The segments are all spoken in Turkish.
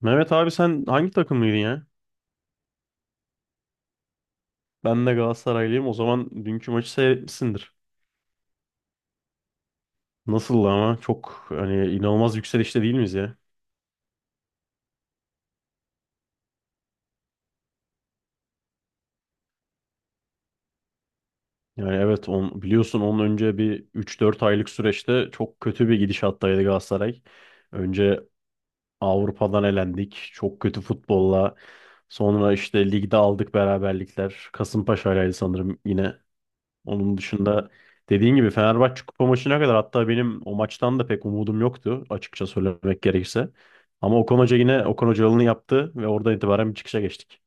Mehmet abi sen hangi takımlıydın ya? Ben de Galatasaraylıyım. O zaman dünkü maçı seyretmişsindir. Nasıldı ama? Çok hani inanılmaz yükselişte değil miyiz ya? Yani evet biliyorsun onun önce bir üç dört aylık süreçte çok kötü bir gidişattaydı Galatasaray. Önce Avrupa'dan elendik. Çok kötü futbolla. Sonra işte ligde aldık beraberlikler. Kasımpaşa'ylaydı sanırım yine. Onun dışında dediğin gibi Fenerbahçe kupa maçına kadar hatta benim o maçtan da pek umudum yoktu açıkça söylemek gerekirse. Ama Okan Hoca yine Okan Hocalı'nı yaptı ve oradan itibaren bir çıkışa geçtik.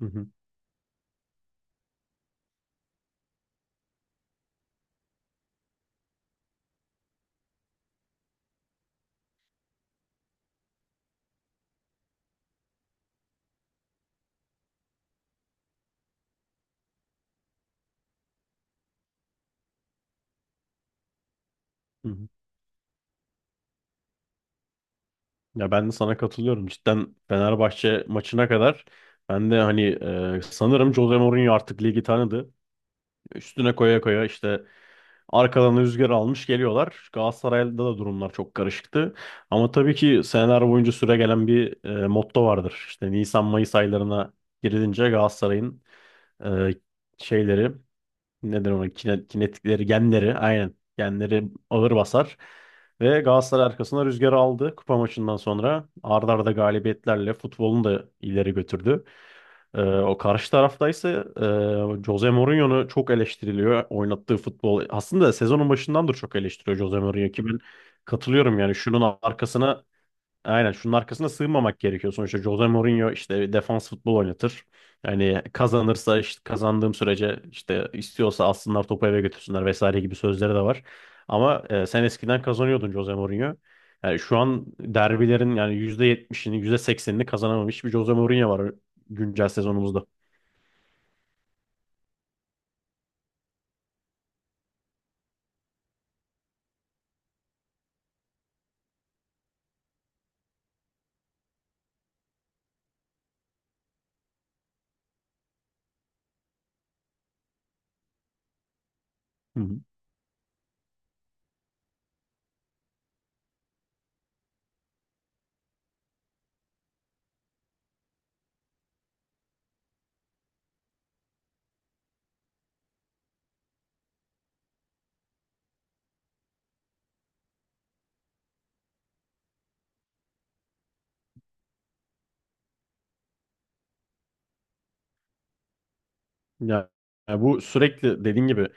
Hı hı, hı hı. Ya ben de sana katılıyorum. Cidden Fenerbahçe maçına kadar ben de hani sanırım Jose Mourinho artık ligi tanıdı. Üstüne koya koya işte arkadan rüzgar almış geliyorlar. Galatasaray'da da durumlar çok karışıktı. Ama tabii ki seneler boyunca süre gelen bir motto vardır. İşte Nisan-Mayıs aylarına girilince Galatasaray'ın e, şeyleri neden ona kinetikleri, genleri aynen. Genleri ağır basar. Ve Galatasaray arkasına rüzgarı aldı kupa maçından sonra. Arda arda galibiyetlerle futbolunu da ileri götürdü. O karşı tarafta ise Jose Mourinho'nu çok eleştiriliyor. Oynattığı futbol aslında sezonun başından da çok eleştiriyor Jose Mourinho ki ben katılıyorum yani şunun arkasına aynen şunun arkasına sığınmamak gerekiyor. Sonuçta Jose Mourinho işte defans futbol oynatır. Yani kazanırsa işte kazandığım sürece işte istiyorsa alsınlar topu eve götürsünler vesaire gibi sözleri de var. Ama sen eskiden kazanıyordun Jose Mourinho. Yani şu an derbilerin yani yüzde yetmişini yüzde seksenini kazanamamış bir Jose Mourinho var güncel sezonumuzda. Hı hı. Yani, yani, bu sürekli dediğin gibi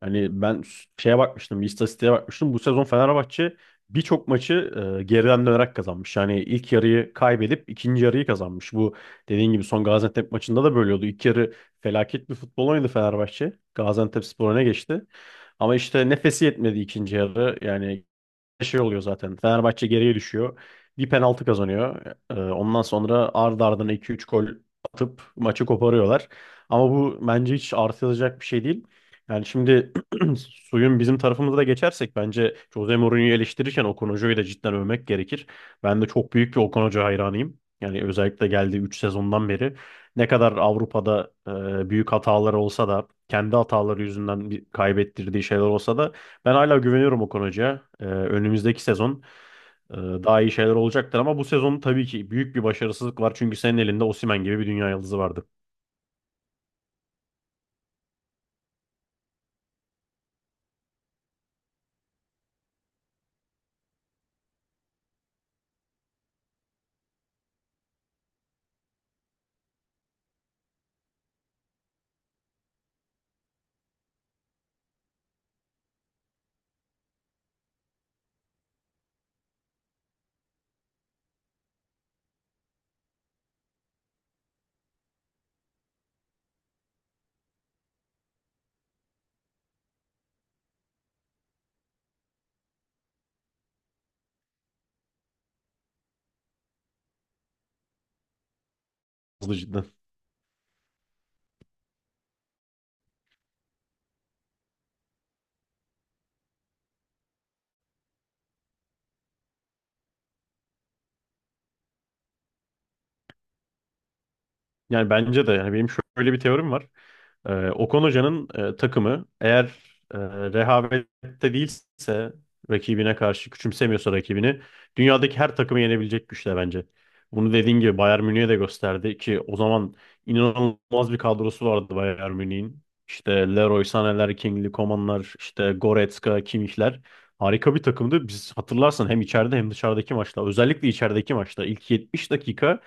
hani ben şeye bakmıştım, bir istatistiğe bakmıştım. Bu sezon Fenerbahçe birçok maçı geriden dönerek kazanmış. Yani ilk yarıyı kaybedip ikinci yarıyı kazanmış. Bu dediğin gibi son Gaziantep maçında da böyle oldu. İlk yarı felaket bir futbol oynadı Fenerbahçe. Gaziantep Spor öne geçti. Ama işte nefesi yetmedi ikinci yarı. Yani şey oluyor zaten. Fenerbahçe geriye düşüyor. Bir penaltı kazanıyor. Ondan sonra ardı ardına 2-3 gol atıp maçı koparıyorlar. Ama bu bence hiç artılacak bir şey değil. Yani şimdi suyun bizim tarafımıza da geçersek bence Jose Mourinho'yu eleştirirken Okan Hoca'yı da cidden övmek gerekir. Ben de çok büyük bir Okan Hoca hayranıyım. Yani özellikle geldiği 3 sezondan beri ne kadar Avrupa'da büyük hataları olsa da kendi hataları yüzünden kaybettirdiği şeyler olsa da ben hala güveniyorum Okan Hoca'ya. Önümüzdeki sezon daha iyi şeyler olacaktır ama bu sezon tabii ki büyük bir başarısızlık var. Çünkü senin elinde Osimhen gibi bir dünya yıldızı vardı. Hızlı cidden. Yani bence de yani benim şöyle bir teorim var. Okan Hoca'nın takımı eğer e, rehavette değilse rakibine karşı küçümsemiyorsa rakibini dünyadaki her takımı yenebilecek güçte bence. Bunu dediğin gibi Bayern Münih'e de gösterdi ki o zaman inanılmaz bir kadrosu vardı Bayern Münih'in. İşte Leroy Sané'ler, King'li Koman'lar, işte Goretzka, Kimmich'ler. Harika bir takımdı. Biz hatırlarsan hem içeride hem dışarıdaki maçta özellikle içerideki maçta ilk 70 dakika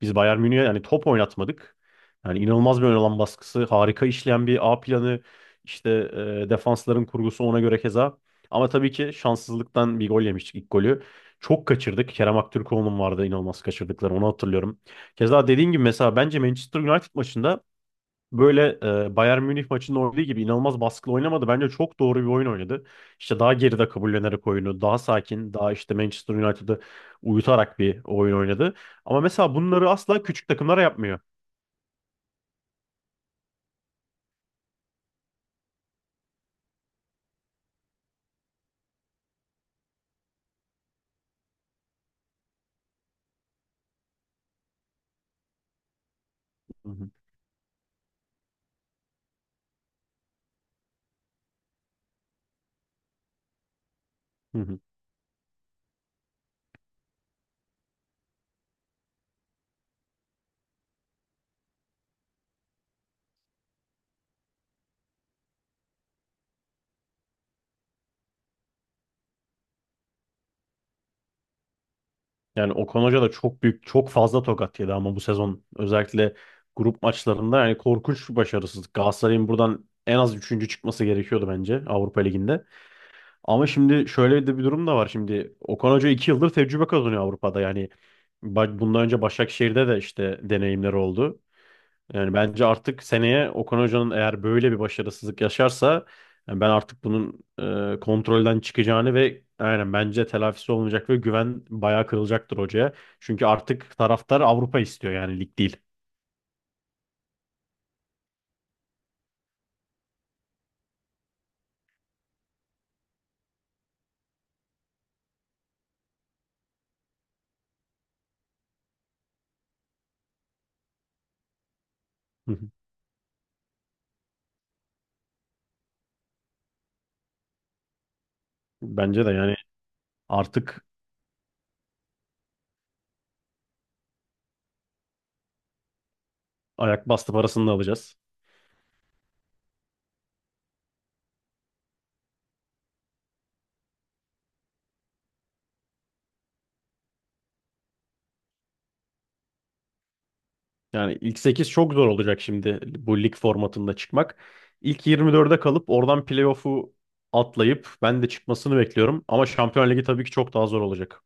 biz Bayern Münih'e yani top oynatmadık. Yani inanılmaz bir ön alan baskısı, harika işleyen bir A planı, işte defansların kurgusu ona göre keza. Ama tabii ki şanssızlıktan bir gol yemiştik ilk golü. Çok kaçırdık. Kerem Aktürkoğlu'nun vardı inanılmaz kaçırdıkları onu hatırlıyorum. Keza dediğin gibi mesela bence Manchester United maçında böyle Bayern Münih maçında oynadığı gibi inanılmaz baskılı oynamadı. Bence çok doğru bir oyun oynadı. İşte daha geride kabullenerek oyunu, daha sakin, daha işte Manchester United'ı uyutarak bir oyun oynadı. Ama mesela bunları asla küçük takımlara yapmıyor. Hı hı. Hı hı. Yani Okan Hoca da çok büyük, çok fazla tokat yedi ama bu sezon özellikle grup maçlarında yani korkunç bir başarısızlık. Galatasaray'ın buradan en az üçüncü çıkması gerekiyordu bence Avrupa Ligi'nde. Ama şimdi şöyle de bir durum da var. Şimdi Okan Hoca iki yıldır tecrübe kazanıyor Avrupa'da. Yani bundan önce Başakşehir'de de işte deneyimleri oldu. Yani bence artık seneye Okan Hoca'nın eğer böyle bir başarısızlık yaşarsa yani ben artık bunun kontrolden çıkacağını ve aynen bence telafisi olmayacak ve güven bayağı kırılacaktır hocaya. Çünkü artık taraftar Avrupa istiyor yani lig değil. Hı hı. Bence de yani artık ayak bastı parasını da alacağız. Yani ilk sekiz çok zor olacak şimdi bu lig formatında çıkmak. İlk 24'e kalıp oradan playoff'u atlayıp ben de çıkmasını bekliyorum. Ama Şampiyon Ligi tabii ki çok daha zor olacak.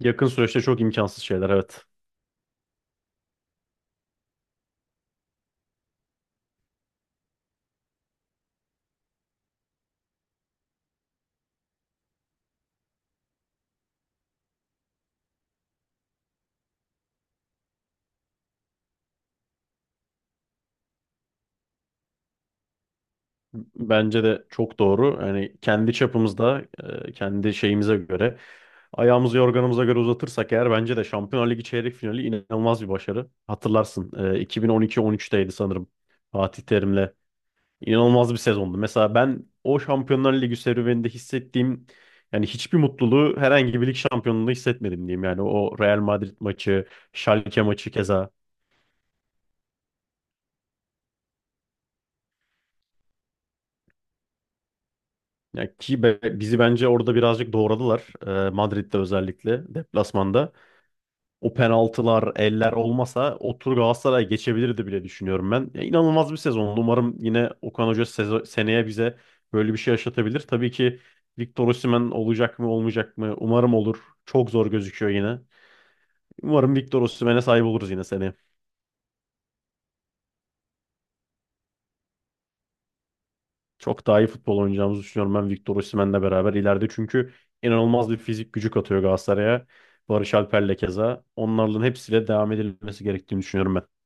Yakın süreçte çok imkansız şeyler evet. Bence de çok doğru. Yani kendi çapımızda, kendi şeyimize göre, ayağımızı yorganımıza göre uzatırsak eğer bence de Şampiyonlar Ligi çeyrek finali inanılmaz bir başarı. Hatırlarsın, 2012-13'teydi sanırım Fatih Terim'le. İnanılmaz bir sezondu. Mesela ben o Şampiyonlar Ligi serüveninde hissettiğim yani hiçbir mutluluğu herhangi bir lig şampiyonluğunda hissetmedim diyeyim. Yani o Real Madrid maçı, Schalke maçı keza. Ya ki bizi bence orada birazcık doğradılar. Madrid'de özellikle deplasmanda. O penaltılar, eller olmasa o tur Galatasaray geçebilirdi bile düşünüyorum ben. Ya, inanılmaz bir sezon. Umarım yine Okan Hoca seneye bize böyle bir şey yaşatabilir. Tabii ki Victor Osimhen olacak mı olmayacak mı? Umarım olur. Çok zor gözüküyor yine. Umarım Victor Osimhen'e sahip oluruz yine seneye. Çok daha iyi futbol oynayacağımızı düşünüyorum ben Victor Osimhen'le beraber ileride. Çünkü inanılmaz bir fizik gücü katıyor Galatasaray'a. Barış Alper'le keza. Onların hepsiyle devam edilmesi gerektiğini düşünüyorum ben.